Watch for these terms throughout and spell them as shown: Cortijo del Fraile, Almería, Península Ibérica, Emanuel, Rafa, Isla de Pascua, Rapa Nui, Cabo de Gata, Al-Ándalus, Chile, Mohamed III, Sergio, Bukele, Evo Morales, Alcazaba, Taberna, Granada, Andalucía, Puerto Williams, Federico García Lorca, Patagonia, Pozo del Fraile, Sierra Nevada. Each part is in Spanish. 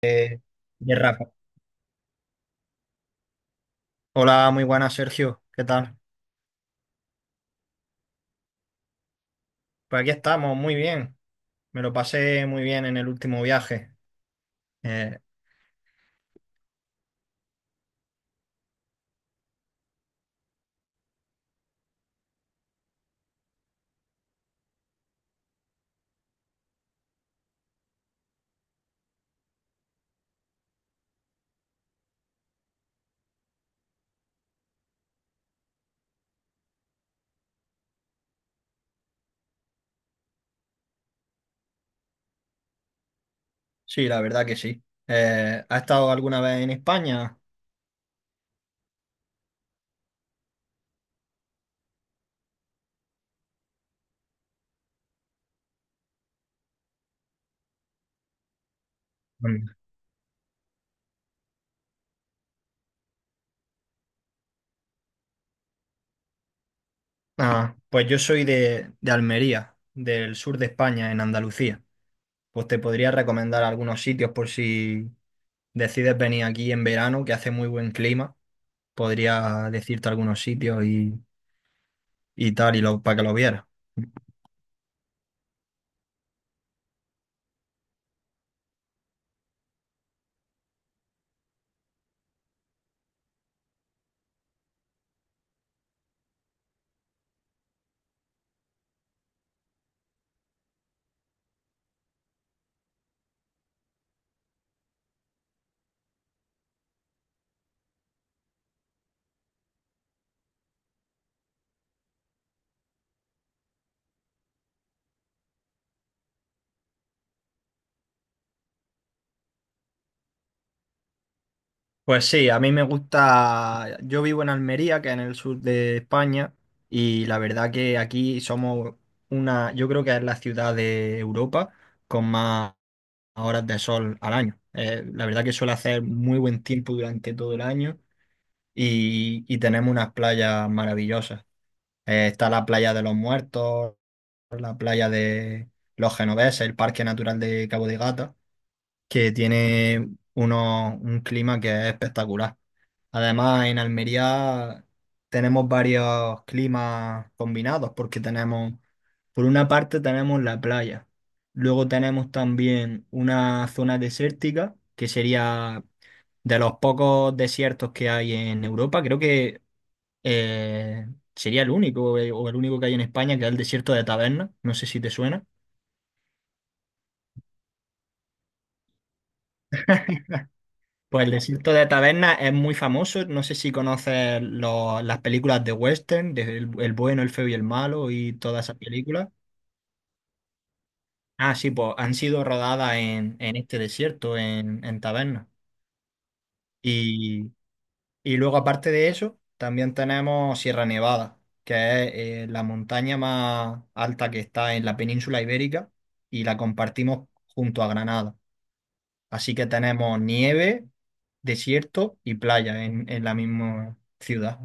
de, de Rafa. Hola, muy buenas, Sergio. ¿Qué tal? Pues aquí estamos, muy bien. Me lo pasé muy bien en el último viaje. Eh, sí, la verdad que sí. ¿Has estado alguna vez en España? Mm. Ah, pues yo soy de Almería, del sur de España, en Andalucía. Pues te podría recomendar algunos sitios por si decides venir aquí en verano, que hace muy buen clima. Podría decirte algunos sitios, para que lo vieras. Pues sí, a mí me gusta, yo vivo en Almería, que es en el sur de España, y la verdad que aquí somos una, yo creo que es la ciudad de Europa con más horas de sol al año. La verdad que suele hacer muy buen tiempo durante todo el año y tenemos unas playas maravillosas. Está la playa de los Muertos, la playa de los Genoveses, el Parque Natural de Cabo de Gata, que tiene un clima que es espectacular. Además, en Almería tenemos varios climas combinados porque tenemos, por una parte tenemos la playa, luego tenemos también una zona desértica que sería de los pocos desiertos que hay en Europa, creo que eh, sería el único, o el único que hay en España, que es el desierto de Taberna, no sé si te suena. Pues el desierto de Taberna es muy famoso, no sé si conoces las películas de western, de el bueno, el feo y el malo y todas esas películas. Ah, sí, pues han sido rodadas en este desierto, en tabernas. Y, y luego, aparte de eso, también tenemos Sierra Nevada, que es la montaña más alta que está en la península ibérica y la compartimos junto a Granada. Así que tenemos nieve, desierto y playa en la misma ciudad.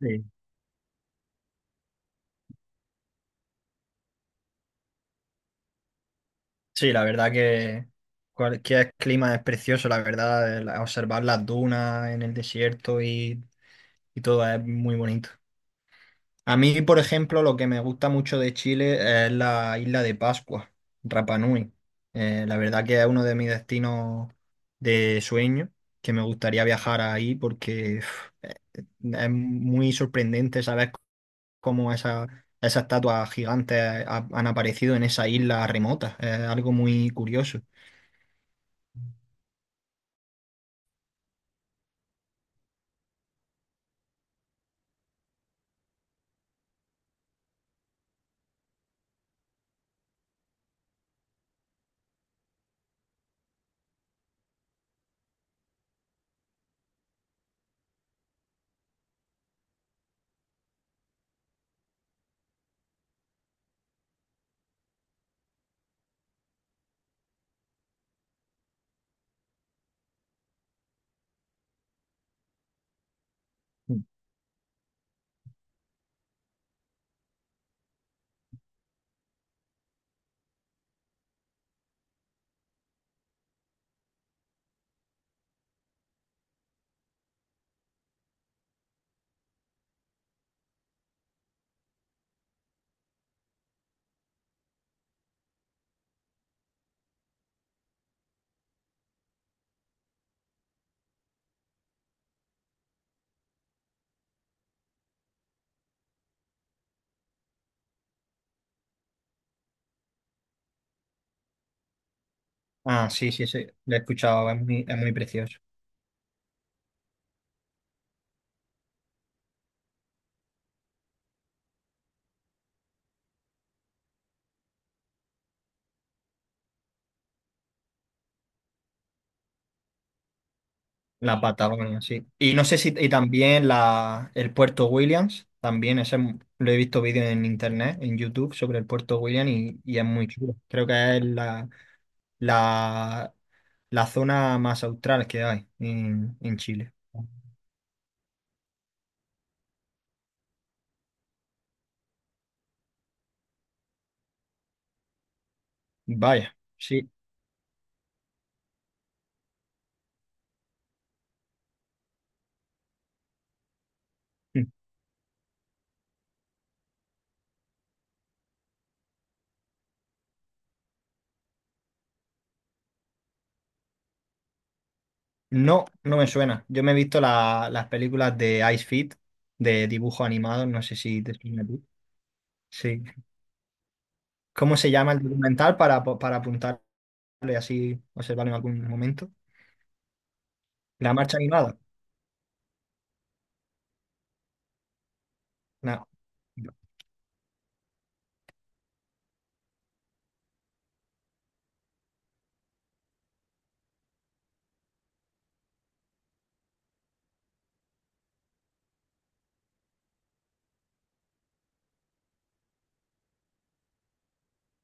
Sí, sí, la verdad que cualquier clima es precioso, la verdad, observar las dunas en el desierto y todo es muy bonito. A mí, por ejemplo, lo que me gusta mucho de Chile es la isla de Pascua, Rapa Nui. La verdad que es uno de mis destinos de sueño, que me gustaría viajar ahí porque uf, es muy sorprendente saber cómo esa, esas estatuas gigantes han aparecido en esa isla remota. Es algo muy curioso. Ah, sí, sí, sí, lo he escuchado, es muy precioso. La Patagonia, sí. Y no sé si, y también la, el Puerto Williams, también lo he visto vídeos en internet, en YouTube, sobre el Puerto Williams y es muy chulo. Creo que es la, la, la zona más austral que hay en Chile. Vaya, sí. No, no me suena. Yo me he visto las películas de Ice Fit, de dibujo animado, no sé si te suena a ti. Sí. ¿Cómo se llama el documental para apuntarle así, observarlo en algún momento? La marcha animada. No, no,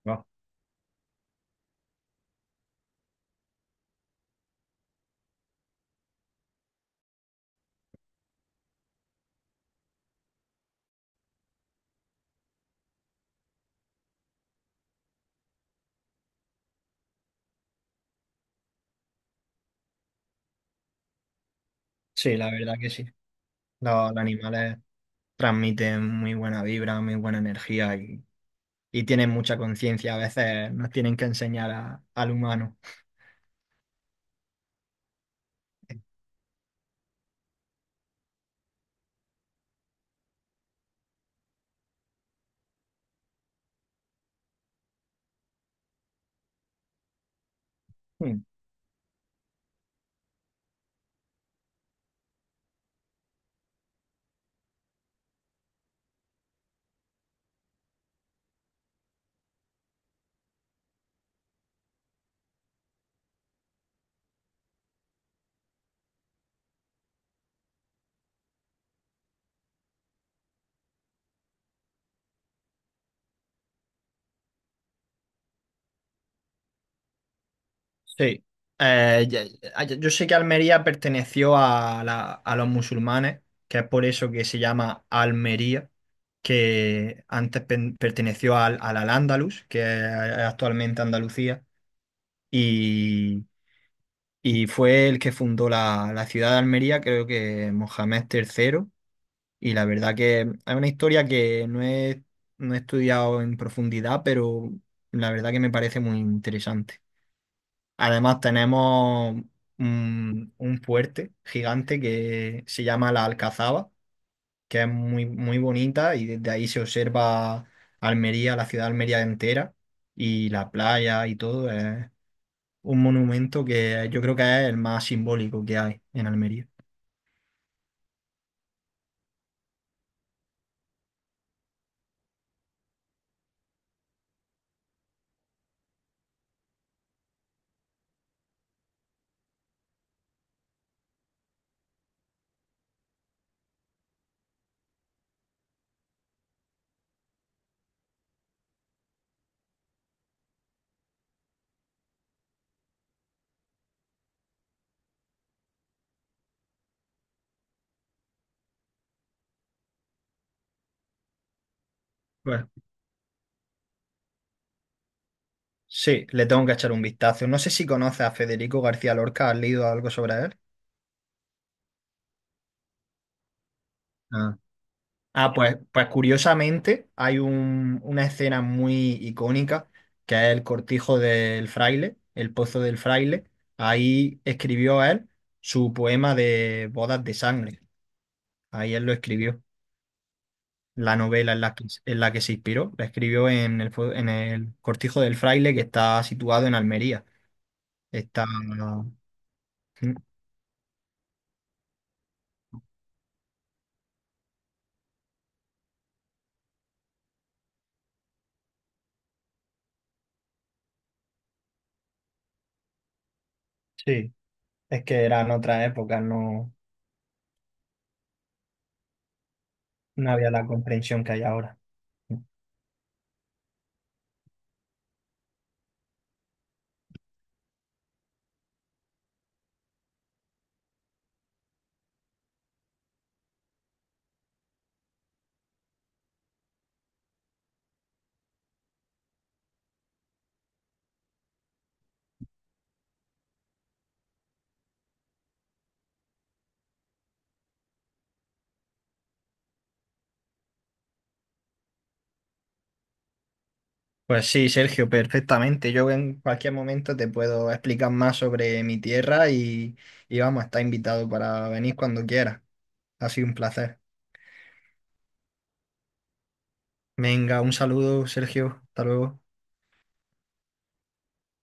no. Sí, la verdad que sí. Los animales transmiten muy buena vibra, muy buena energía y tienen mucha conciencia. A veces nos tienen que enseñar al humano. Mm, sí. Yo sé que Almería perteneció a los musulmanes, que es por eso que se llama Almería, que antes perteneció al, al Al-Ándalus, que es actualmente Andalucía, y Y fue el que fundó la, la ciudad de Almería, creo que Mohamed III. Y la verdad que es una historia que no he, no he estudiado en profundidad, pero la verdad que me parece muy interesante. Además, tenemos un fuerte gigante que se llama la Alcazaba, que es muy, muy bonita y desde ahí se observa Almería, la ciudad de Almería entera y la playa y todo. Es un monumento que yo creo que es el más simbólico que hay en Almería. Pues sí, le tengo que echar un vistazo. No sé si conoces a Federico García Lorca, ¿has leído algo sobre él? Ah, ah, pues, pues curiosamente hay una escena muy icónica que es el cortijo del fraile, el pozo del fraile. Ahí escribió él su poema de bodas de sangre. Ahí él lo escribió, la novela en la que se inspiró. La escribió en en el Cortijo del Fraile, que está situado en Almería. Está... Sí, es que eran otras épocas, no, no había la comprensión que hay ahora. Pues sí, Sergio, perfectamente. Yo en cualquier momento te puedo explicar más sobre mi tierra y vamos, está invitado para venir cuando quieras. Ha sido un placer. Venga, un saludo, Sergio. Hasta luego.